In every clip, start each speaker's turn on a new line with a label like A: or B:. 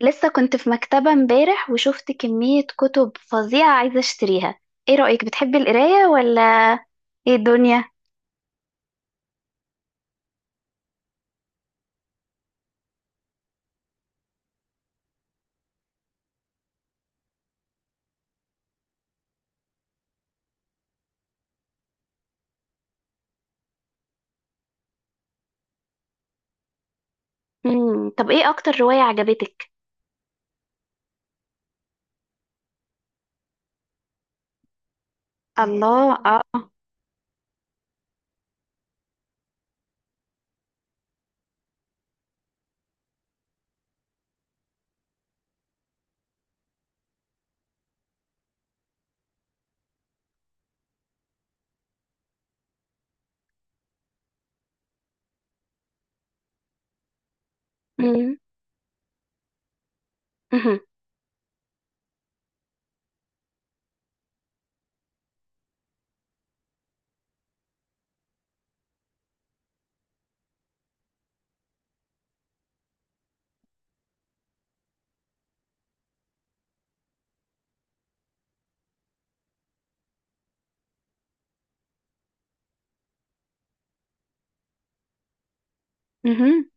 A: لسه كنت في مكتبة امبارح وشفت كمية كتب فظيعة عايزة اشتريها. ايه رأيك، بتحبي القراية ولا ايه الدنيا؟ مم. طب ايه اكتر رواية عجبتك؟ الله، اه. مم. مهم. مهم.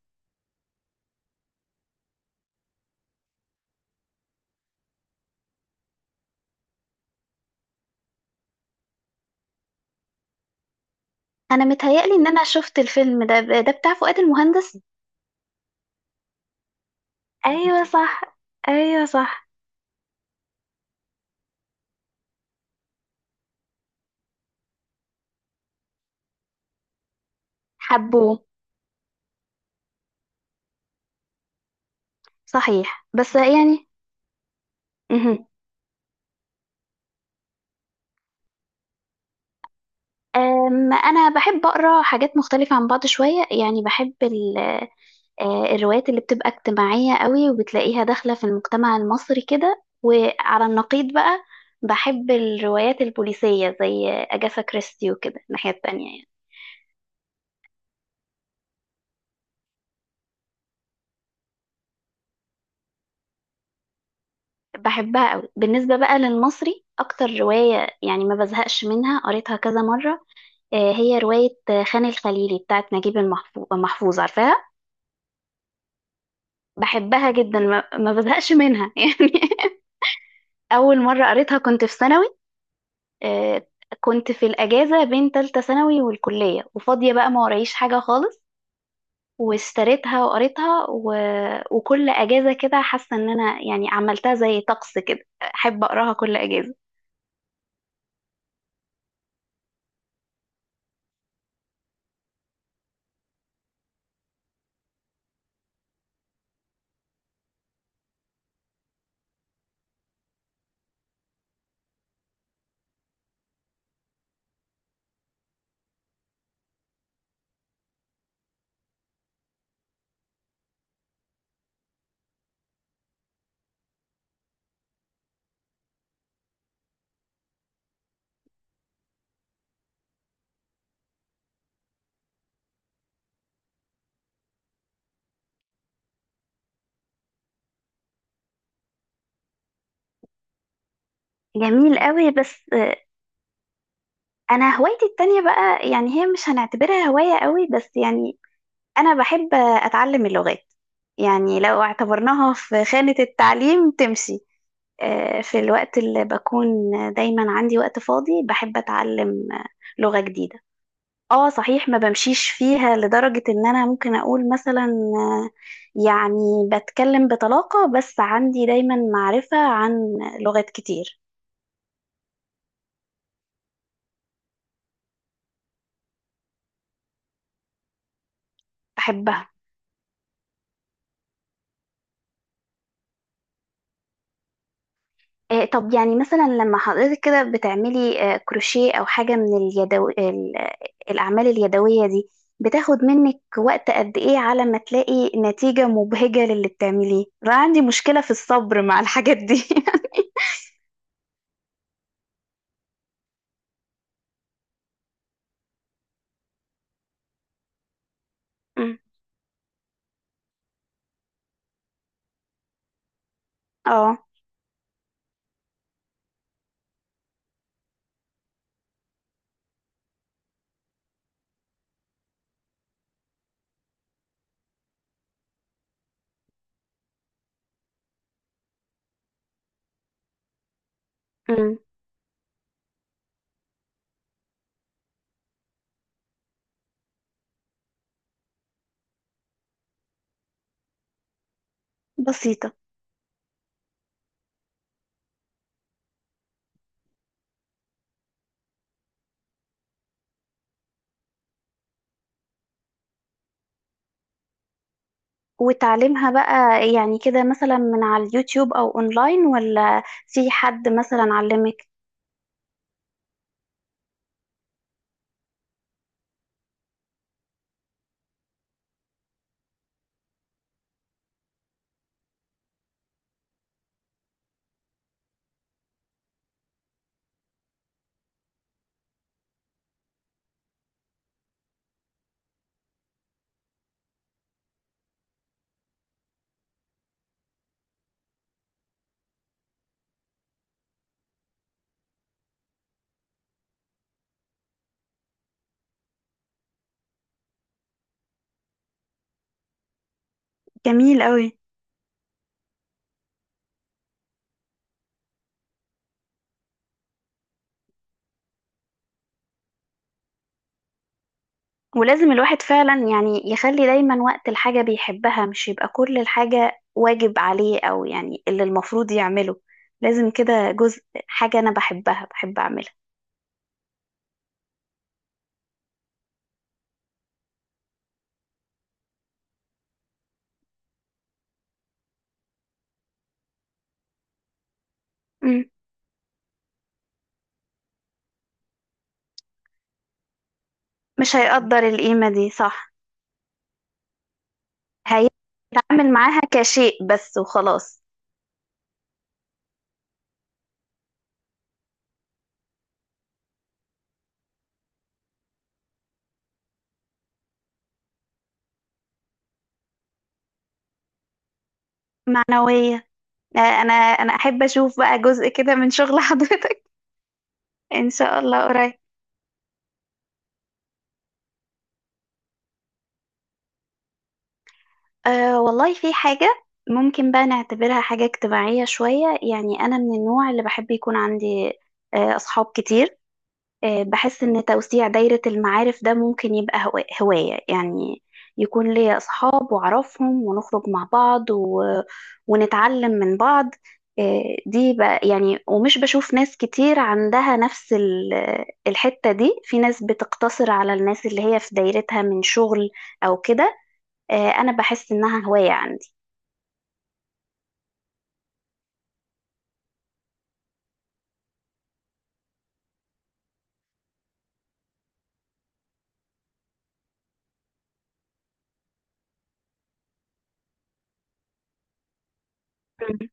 A: انا متهيألي ان انا شفت الفيلم ده بتاع فؤاد المهندس. ايوه صح. ايوه صح. حبوه. صحيح، بس يعني. مهم. انا بحب اقرا حاجات مختلفة عن بعض شوية، يعني بحب الروايات اللي بتبقى اجتماعية قوي وبتلاقيها داخلة في المجتمع المصري كده، وعلى النقيض بقى بحب الروايات البوليسية زي أجاثا كريستي وكده الناحية التانية يعني. بحبها قوي. بالنسبة بقى للمصري، أكتر رواية يعني ما بزهقش منها قريتها كذا مرة هي رواية خان الخليلي بتاعت نجيب محفوظ، عارفاها. بحبها جدا، ما بزهقش منها يعني. أول مرة قريتها كنت في ثانوي. آه، كنت في الأجازة بين تالتة ثانوي والكلية، وفاضية بقى، ما ورايش حاجة خالص، واشتريتها وقريتها و... وكل أجازة كده حاسة إن أنا يعني عملتها زي طقس كده. أحب أقراها كل أجازة. جميل قوي، بس أنا هوايتي التانية بقى يعني هي مش هنعتبرها هواية قوي، بس يعني أنا بحب أتعلم اللغات. يعني لو اعتبرناها في خانة التعليم تمشي. في الوقت اللي بكون دايما عندي وقت فاضي، بحب أتعلم لغة جديدة. اه صحيح، ما بمشيش فيها لدرجة ان انا ممكن اقول مثلا آه، يعني بتكلم بطلاقة، بس عندي دايما معرفة عن لغات كتير بحبها. طب يعني مثلا لما حضرتك كده بتعملي كروشيه او حاجه من الاعمال اليدويه دي، بتاخد منك وقت قد ايه على ما تلاقي نتيجه مبهجه للي بتعمليه؟ انا عندي مشكله في الصبر مع الحاجات دي أمم. اه. أمم. بسيطه. وتعليمها بقى يعني كده مثلا من على اليوتيوب او اونلاين، ولا في حد مثلا علمك؟ جميل قوي. ولازم الواحد فعلا يعني يخلي دايما وقت الحاجة بيحبها، مش يبقى كل الحاجة واجب عليه أو يعني اللي المفروض يعمله. لازم كده جزء، حاجة أنا بحبها بحب أعملها. مم. مش هيقدر القيمة دي، صح. هيتعامل معاها كشيء بس وخلاص. معنوية. أنا أحب أشوف بقى جزء كده من شغل حضرتك. إن شاء الله قريب. أه والله، في حاجة ممكن بقى نعتبرها حاجة اجتماعية شوية. يعني أنا من النوع اللي بحب يكون عندي أصحاب كتير. أه بحس إن توسيع دايرة المعارف ده ممكن يبقى هواية يعني. يكون ليا أصحاب وأعرفهم ونخرج مع بعض و... ونتعلم من بعض. أه دي بقى يعني. ومش بشوف ناس كتير عندها نفس الحتة دي. في ناس بتقتصر على الناس اللي هي في دايرتها من شغل أو كده. انا بحس انها هواية عندي. مم.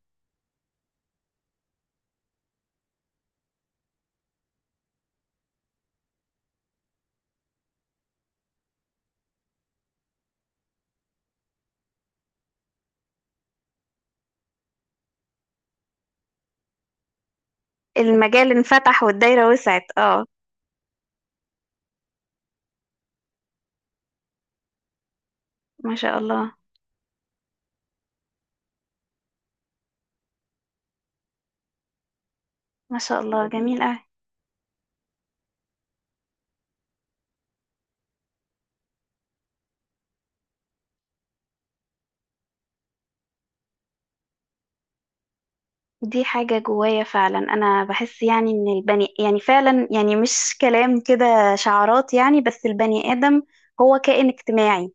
A: المجال انفتح والدايرة وسعت، اه. ما شاء الله. ما شاء الله، جميل أوي. دي حاجة جوايا فعلا. انا بحس يعني ان البني يعني فعلا يعني مش كلام كده شعارات يعني، بس البني آدم هو كائن اجتماعي.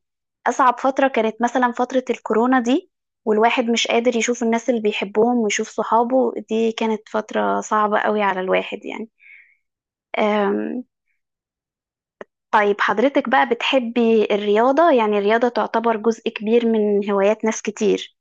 A: اصعب فترة كانت مثلا فترة الكورونا دي، والواحد مش قادر يشوف الناس اللي بيحبهم ويشوف صحابه. دي كانت فترة صعبة قوي على الواحد يعني. طيب حضرتك بقى بتحبي الرياضة؟ يعني الرياضة تعتبر جزء كبير من هوايات ناس كتير.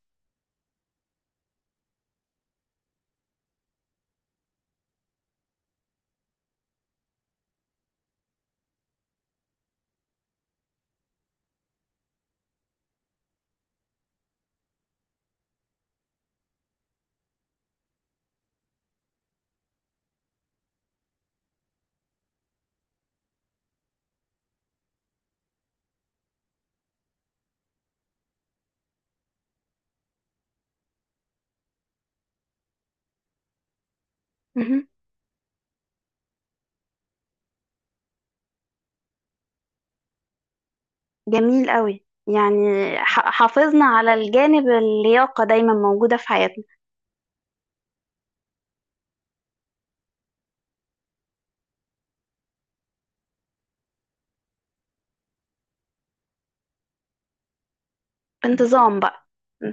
A: مهم. جميل قوي يعني. حافظنا على الجانب، اللياقة دايما موجودة في حياتنا. بانتظام بقى. م.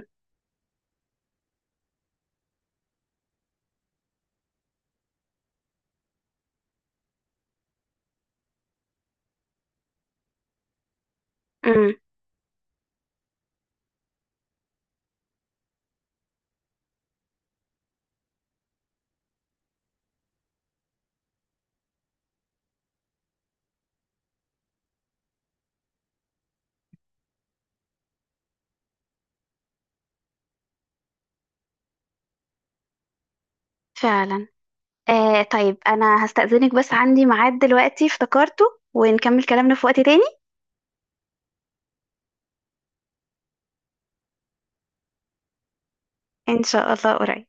A: امم. فعلا. طيب أنا هستأذنك، بس عندي ميعاد دلوقتي افتكرته، ونكمل كلامنا في وقت تاني. إن شاء الله قريب.